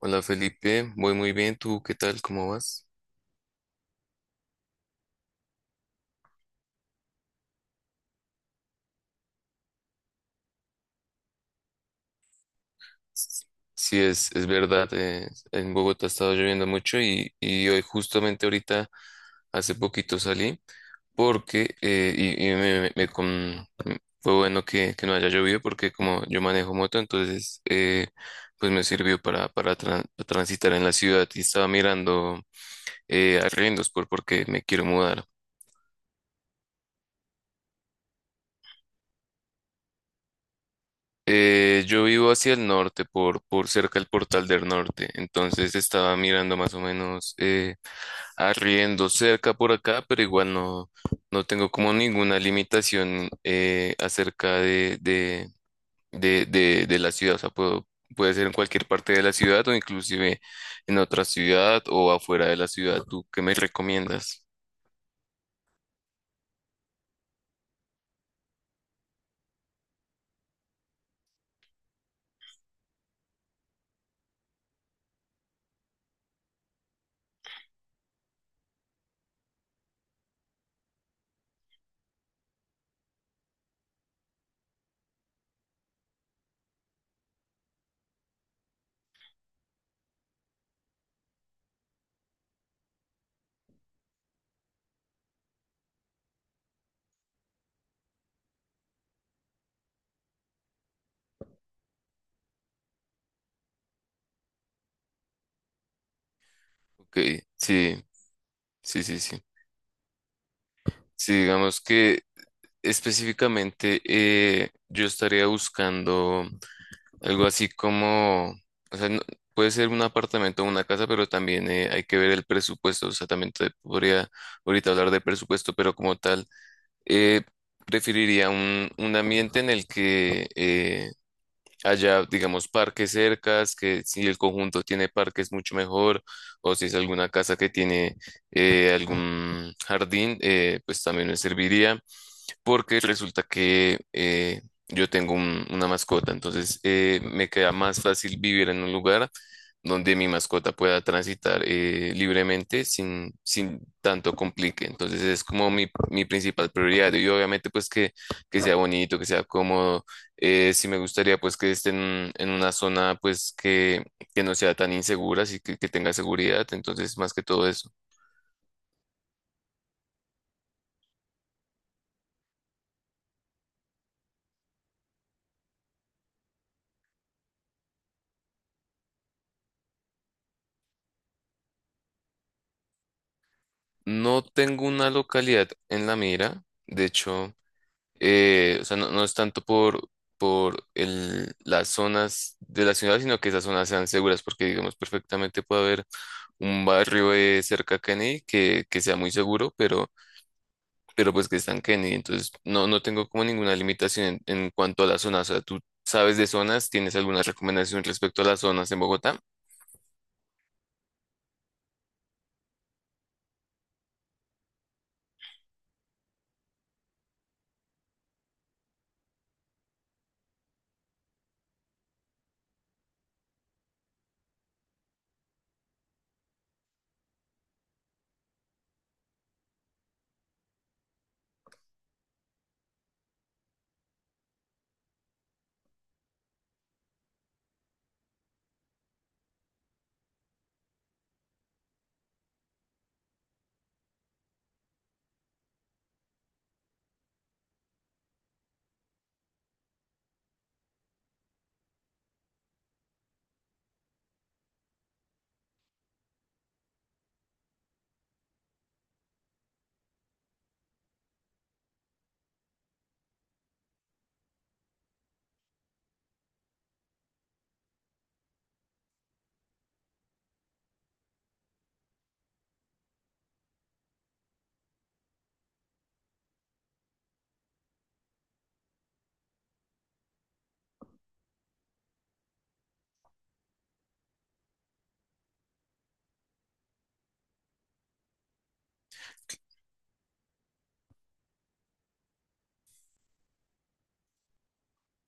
Hola Felipe, voy muy bien, ¿tú qué tal? ¿Cómo vas? Sí, es verdad, en Bogotá ha estado lloviendo mucho y hoy justamente ahorita hace poquito salí porque fue bueno que no haya llovido porque como yo manejo moto, entonces pues me sirvió para transitar en la ciudad y estaba mirando arriendos porque me quiero mudar. Yo vivo hacia el norte, por cerca del Portal del Norte, entonces estaba mirando más o menos arriendo cerca por acá, pero igual no, no tengo como ninguna limitación acerca de la ciudad, o sea, puedo, puede ser en cualquier parte de la ciudad o inclusive en otra ciudad o afuera de la ciudad. ¿Tú qué me recomiendas? Ok, sí, sí, sí, sí. Sí, digamos que específicamente yo estaría buscando... Algo así como, o sea, puede ser un apartamento o una casa, pero también hay que ver el presupuesto. O sea, también te podría ahorita hablar de presupuesto, pero como tal, eh, preferiría un ambiente en el que haya, digamos, parques cercas, que si el conjunto tiene parques mucho mejor, o si es alguna casa que tiene algún jardín, pues también me serviría porque resulta que yo tengo una mascota, entonces me queda más fácil vivir en un lugar donde mi mascota pueda transitar libremente sin, sin tanto complique. Entonces es como mi principal prioridad y obviamente pues que sea bonito, que sea cómodo. Sí me gustaría pues que esté en una zona pues que no sea tan insegura, así que tenga seguridad. Entonces más que todo eso. No tengo una localidad en la mira. De hecho, o sea, no, no es tanto por, las zonas de la ciudad, sino que esas zonas sean seguras, porque digamos perfectamente puede haber un barrio cerca a Kennedy que sea muy seguro, pero pues que está en Kennedy. Entonces, no, no tengo como ninguna limitación en cuanto a las zonas. O sea, ¿tú sabes de zonas? ¿Tienes alguna recomendación respecto a las zonas en Bogotá?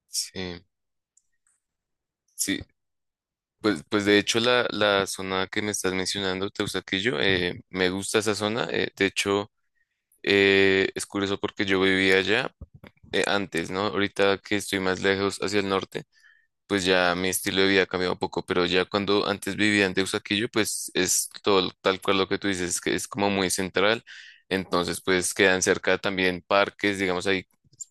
Sí, sí. Pues, pues de hecho la, la zona que me estás mencionando, Teusaquillo, me gusta esa zona. De hecho, es curioso porque yo vivía allá antes, ¿no? Ahorita que estoy más lejos hacia el norte pues ya mi estilo de vida ha cambiado un poco, pero ya cuando antes vivía en Deusaquillo, pues es todo tal cual lo que tú dices, que es como muy central, entonces pues quedan cerca también parques, digamos ahí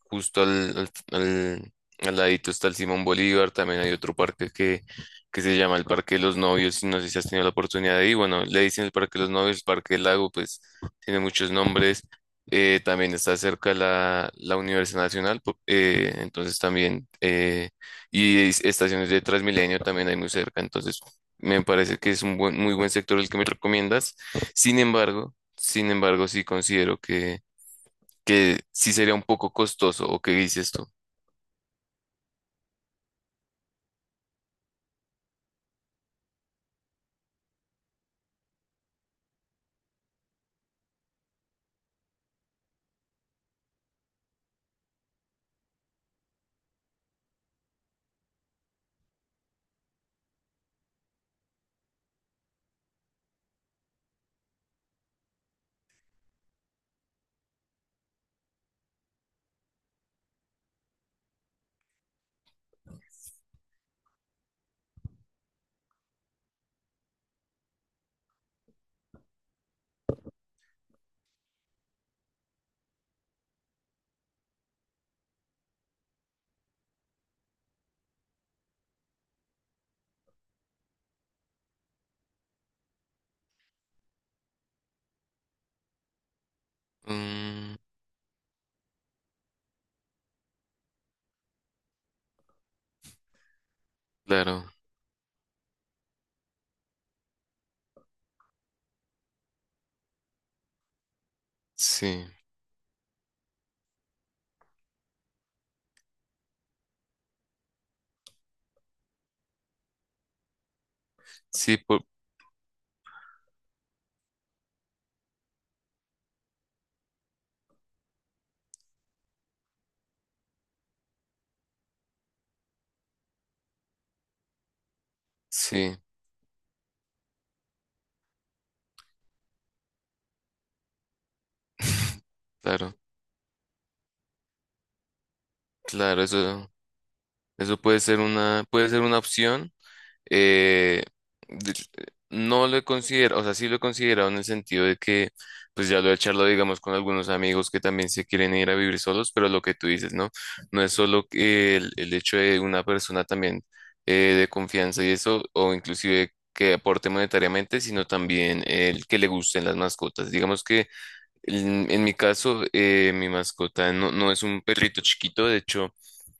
justo al ladito está el Simón Bolívar, también hay otro parque que se llama el Parque de los Novios, y no sé si has tenido la oportunidad de ir, bueno, le dicen el Parque de los Novios, el Parque del Lago, pues tiene muchos nombres. También está cerca la, la Universidad Nacional, entonces también estaciones de Transmilenio también hay muy cerca, entonces me parece que es muy buen sector el que me recomiendas. Sin embargo, sin embargo, sí considero que sí sería un poco costoso, ¿o qué dices tú? Mm, claro, sí, sí, por, sí, claro, claro, eso puede ser una opción. eh, de- no lo he considerado, o sea, sí lo he considerado en el sentido de que, pues ya lo he charlado, digamos, con algunos amigos que también se quieren ir a vivir solos, pero lo que tú dices, ¿no? No es solo que el hecho de una persona también de confianza y eso, o inclusive que aporte monetariamente, sino también el que le gusten las mascotas. Digamos que en mi caso, mi mascota no, no es un perrito chiquito, de hecho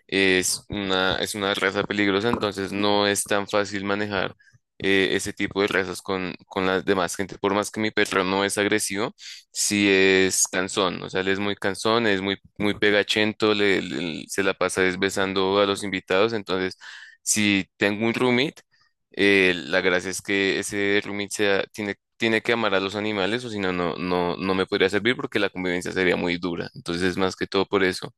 es una raza peligrosa, entonces no es tan fácil manejar ese tipo de razas con las demás gente. Por más que mi perro no es agresivo, sí es cansón, o sea, él es muy cansón, es muy, muy pegachento, se la pasa desbesando a los invitados, entonces si tengo un roommate, la gracia es que ese roommate tiene, tiene que amar a los animales, o si no, no, no, no me podría servir porque la convivencia sería muy dura. Entonces, más que todo por eso.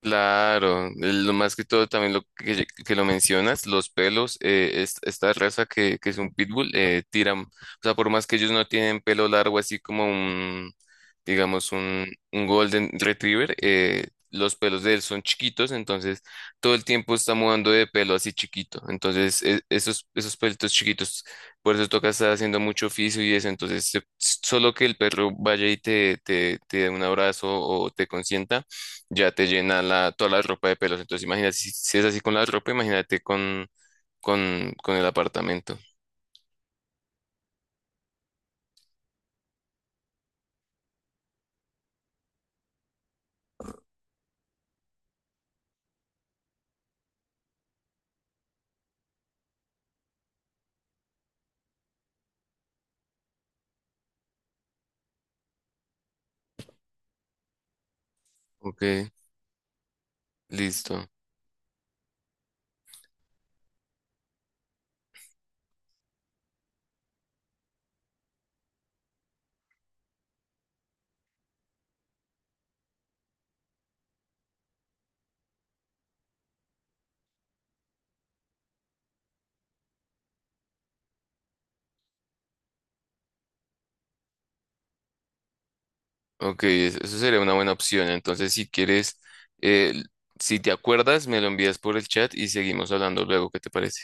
Claro, lo más que todo también lo que lo mencionas, los pelos, esta raza que es un pitbull, tiran, o sea, por más que ellos no tienen pelo largo, así como un, digamos, un golden retriever, los pelos de él son chiquitos, entonces todo el tiempo está mudando de pelo así chiquito, entonces esos, esos pelitos chiquitos, por eso toca estar haciendo mucho oficio y eso, entonces solo que el perro vaya y te dé un abrazo o te consienta ya te llena la, toda la ropa de pelos. Entonces, imagínate, si, si es así con la ropa, imagínate con el apartamento. Ok, listo. Ok, eso sería una buena opción. Entonces, si quieres, eh, si te acuerdas, me lo envías por el chat y seguimos hablando luego. ¿Qué te parece?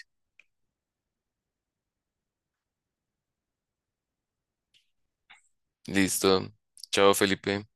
Listo. Chao, Felipe.